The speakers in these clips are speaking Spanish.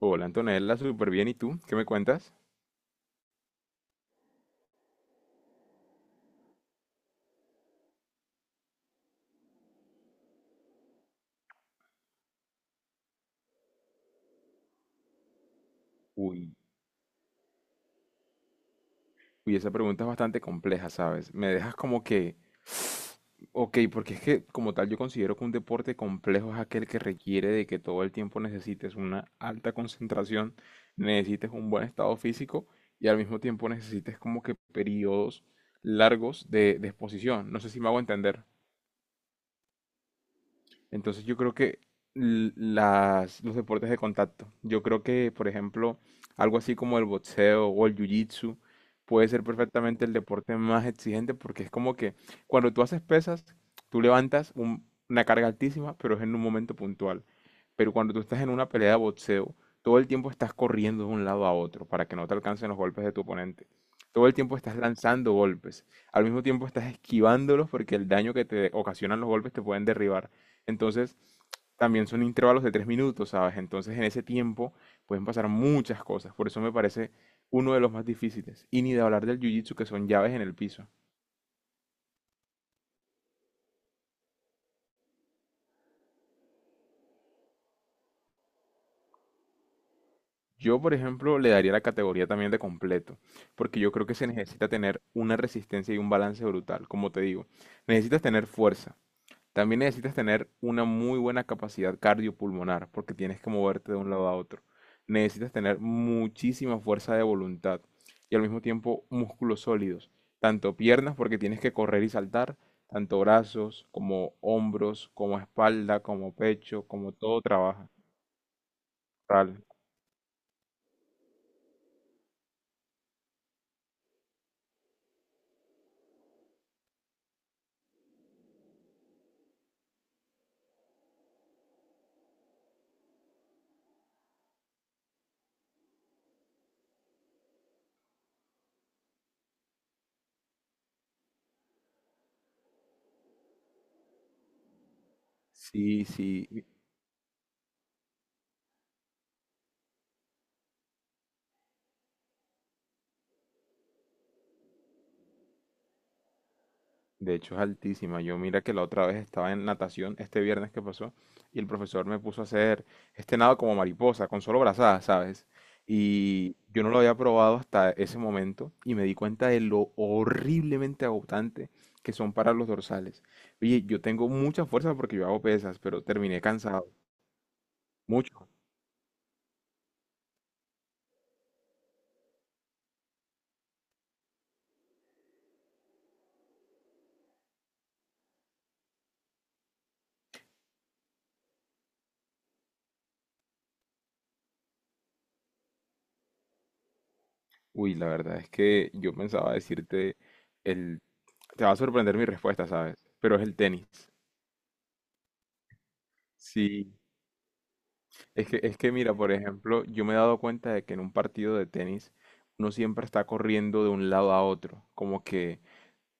Hola Antonella, súper bien. ¿Y tú? ¿Qué me cuentas? Uy, Uy, esa pregunta es bastante compleja, ¿sabes? Me dejas como que, ok, porque es que como tal yo considero que un deporte complejo es aquel que requiere de que todo el tiempo necesites una alta concentración, necesites un buen estado físico y al mismo tiempo necesites como que periodos largos de exposición. No sé si me hago entender. Entonces yo creo que los deportes de contacto, yo creo que, por ejemplo, algo así como el boxeo o el jiu-jitsu puede ser perfectamente el deporte más exigente porque es como que cuando tú haces pesas, tú levantas una carga altísima, pero es en un momento puntual. Pero cuando tú estás en una pelea de boxeo, todo el tiempo estás corriendo de un lado a otro para que no te alcancen los golpes de tu oponente. Todo el tiempo estás lanzando golpes. Al mismo tiempo estás esquivándolos porque el daño que te ocasionan los golpes te pueden derribar. Entonces, también son intervalos de 3 minutos, ¿sabes? Entonces, en ese tiempo pueden pasar muchas cosas. Por eso me parece uno de los más difíciles. Y ni de hablar del jiu-jitsu, que son llaves en el piso. Yo, por ejemplo, le daría la categoría también de completo, porque yo creo que se necesita tener una resistencia y un balance brutal. Como te digo, necesitas tener fuerza, también necesitas tener una muy buena capacidad cardiopulmonar porque tienes que moverte de un lado a otro. Necesitas tener muchísima fuerza de voluntad y al mismo tiempo músculos sólidos, tanto piernas porque tienes que correr y saltar, tanto brazos como hombros, como espalda, como pecho, como todo trabaja. Tal. Sí, sí. De hecho, es altísima. Yo mira que la otra vez estaba en natación, este viernes que pasó, y el profesor me puso a hacer este nado como mariposa, con solo brazadas, ¿sabes? Y yo no lo había probado hasta ese momento y me di cuenta de lo horriblemente agotante que son para los dorsales. Oye, yo tengo mucha fuerza porque yo hago pesas, pero terminé cansado, mucho. Uy, la verdad es que yo pensaba decirte el... Te va a sorprender mi respuesta, ¿sabes? Pero es el tenis. Sí, es que, es que mira, por ejemplo, yo me he dado cuenta de que en un partido de tenis uno siempre está corriendo de un lado a otro, como que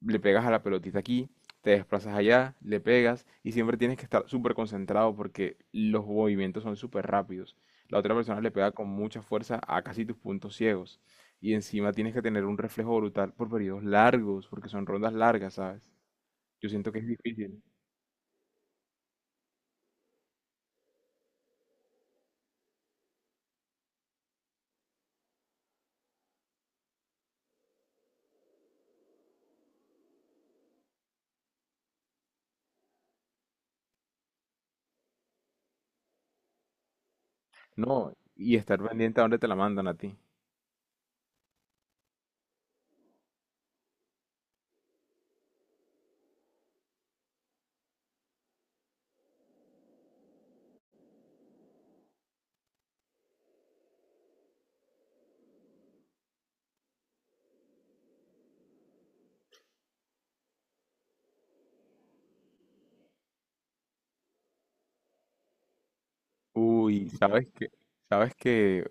le pegas a la pelotita aquí, te desplazas allá, le pegas y siempre tienes que estar súper concentrado porque los movimientos son súper rápidos. La otra persona le pega con mucha fuerza a casi tus puntos ciegos y encima tienes que tener un reflejo brutal por periodos largos, porque son rondas largas, ¿sabes? Yo siento que es difícil. No, y estar pendiente a dónde te la mandan a ti. Uy, sabes que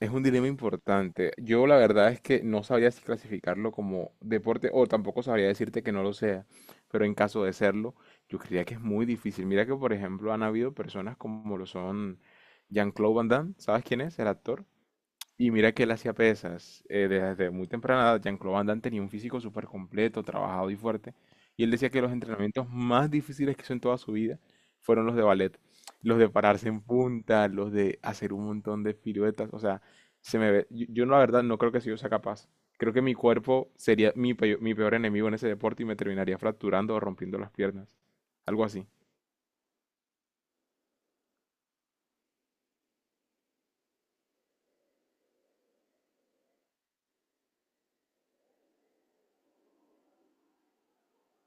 es un dilema importante. Yo la verdad es que no sabría si clasificarlo como deporte o tampoco sabría decirte que no lo sea, pero en caso de serlo, yo creería que es muy difícil. Mira que, por ejemplo, han habido personas como lo son Jean-Claude Van Damme, ¿sabes quién es? El actor. Y mira que él hacía pesas. Desde muy temprana edad, Jean-Claude Van Damme tenía un físico súper completo, trabajado y fuerte. Y él decía que los entrenamientos más difíciles que hizo en toda su vida fueron los de ballet. Los de pararse en punta, los de hacer un montón de piruetas. O sea, se me ve. Yo, la verdad no creo que si yo sea capaz. Creo que mi cuerpo sería mi peor enemigo en ese deporte y me terminaría fracturando o rompiendo las piernas. Algo así.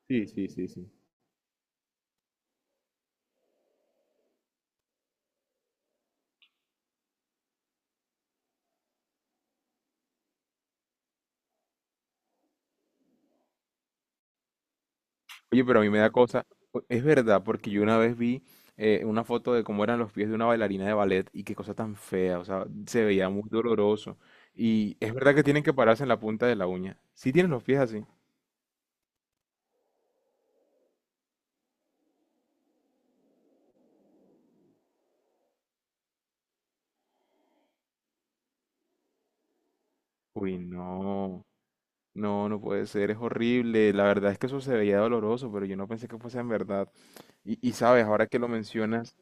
Sí, sí, sí, sí. Oye, pero a mí me da cosa. Es verdad, porque yo una vez vi una foto de cómo eran los pies de una bailarina de ballet y qué cosa tan fea. O sea, se veía muy doloroso. Y es verdad que tienen que pararse en la punta de la uña. ¿Sí tienen los pies así? Uy, no. No, no puede ser. Es horrible. La verdad es que eso se veía doloroso, pero yo no pensé que fuese en verdad. Y sabes, ahora que lo mencionas,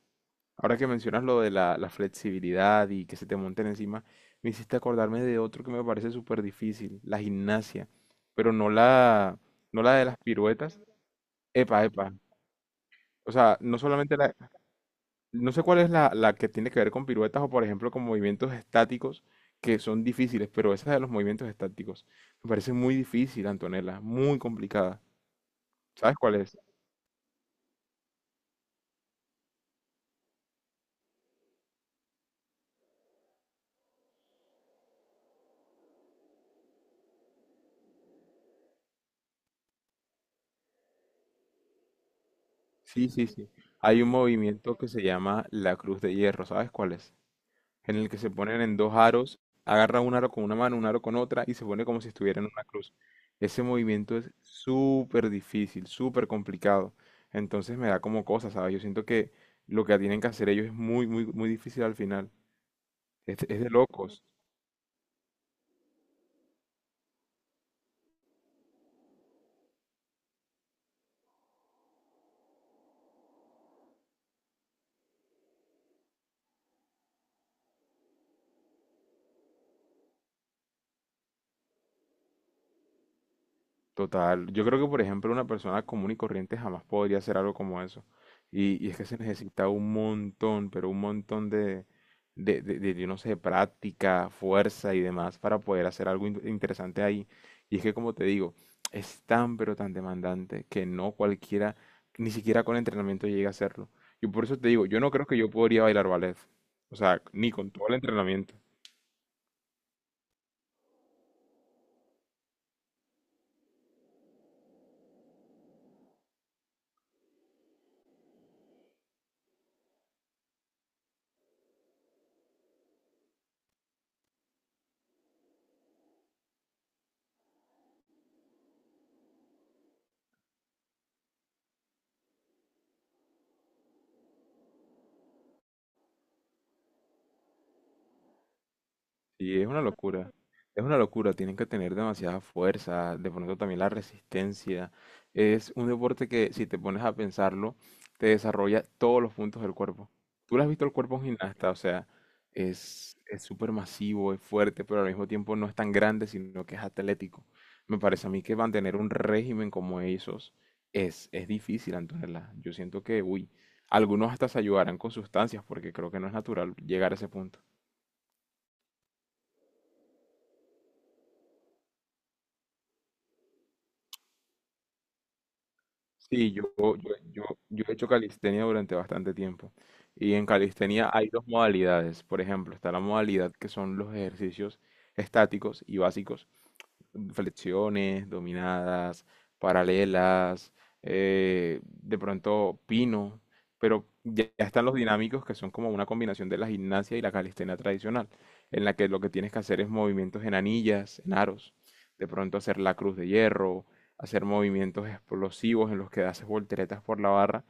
ahora que mencionas lo de la flexibilidad y que se te monten encima, me hiciste acordarme de otro que me parece súper difícil, la gimnasia, pero no la de las piruetas. Epa, epa. O sea, no solamente la... No sé cuál es la que tiene que ver con piruetas o, por ejemplo, con movimientos estáticos que son difíciles, pero esa de los movimientos estáticos me parece muy difícil, Antonella, muy complicada. ¿Sabes cuál es? Sí, sí, sí. Hay un movimiento que se llama la cruz de hierro, ¿sabes cuál es? En el que se ponen en dos aros, agarra un aro con una mano, un aro con otra y se pone como si estuviera en una cruz. Ese movimiento es súper difícil, súper complicado. Entonces me da como cosa, ¿sabes? Yo siento que lo que tienen que hacer ellos es muy, muy, muy difícil al final. Es de locos. Total, yo creo que por ejemplo una persona común y corriente jamás podría hacer algo como eso. Y es que se necesita un montón, pero un montón de de, yo no sé, práctica, fuerza y demás para poder hacer algo interesante ahí. Y es que como te digo, es tan pero tan demandante que no cualquiera, ni siquiera con entrenamiento llega a hacerlo. Y por eso te digo, yo no creo que yo podría bailar ballet. O sea, ni con todo el entrenamiento. Sí, es una locura. Es una locura. Tienen que tener demasiada fuerza. De pronto también la resistencia. Es un deporte que, si te pones a pensarlo, te desarrolla todos los puntos del cuerpo. Tú lo has visto el cuerpo a un gimnasta, o sea, es súper masivo, es fuerte, pero al mismo tiempo no es tan grande, sino que es atlético. Me parece a mí que mantener un régimen como esos es difícil, Antonella. Yo siento que, uy, algunos hasta se ayudarán con sustancias, porque creo que no es natural llegar a ese punto. Sí, yo he hecho calistenia durante bastante tiempo. Y en calistenia hay dos modalidades. Por ejemplo, está la modalidad que son los ejercicios estáticos y básicos, flexiones, dominadas, paralelas, de pronto pino, pero ya están los dinámicos que son como una combinación de la gimnasia y la calistenia tradicional, en la que lo que tienes que hacer es movimientos en anillas, en aros, de pronto hacer la cruz de hierro, hacer movimientos explosivos en los que haces volteretas por la barra.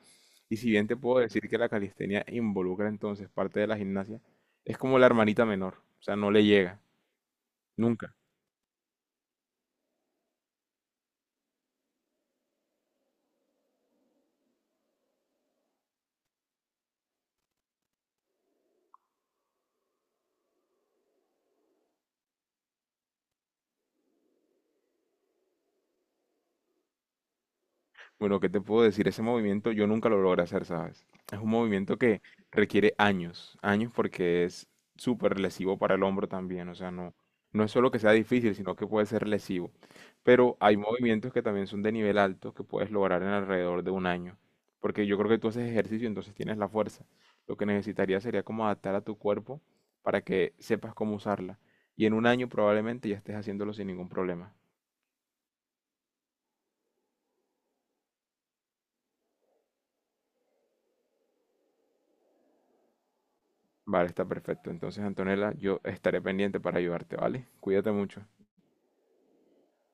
Y si bien te puedo decir que la calistenia involucra entonces parte de la gimnasia, es como la hermanita menor, o sea, no le llega, nunca. Bueno, ¿qué te puedo decir? Ese movimiento yo nunca lo logré hacer, ¿sabes? Es un movimiento que requiere años, años porque es súper lesivo para el hombro también, o sea, no, no es solo que sea difícil, sino que puede ser lesivo. Pero hay movimientos que también son de nivel alto que puedes lograr en alrededor de un año, porque yo creo que tú haces ejercicio, entonces tienes la fuerza. Lo que necesitaría sería como adaptar a tu cuerpo para que sepas cómo usarla. Y en un año probablemente ya estés haciéndolo sin ningún problema. Vale, está perfecto. Entonces, Antonella, yo estaré pendiente para ayudarte, ¿vale? Cuídate mucho.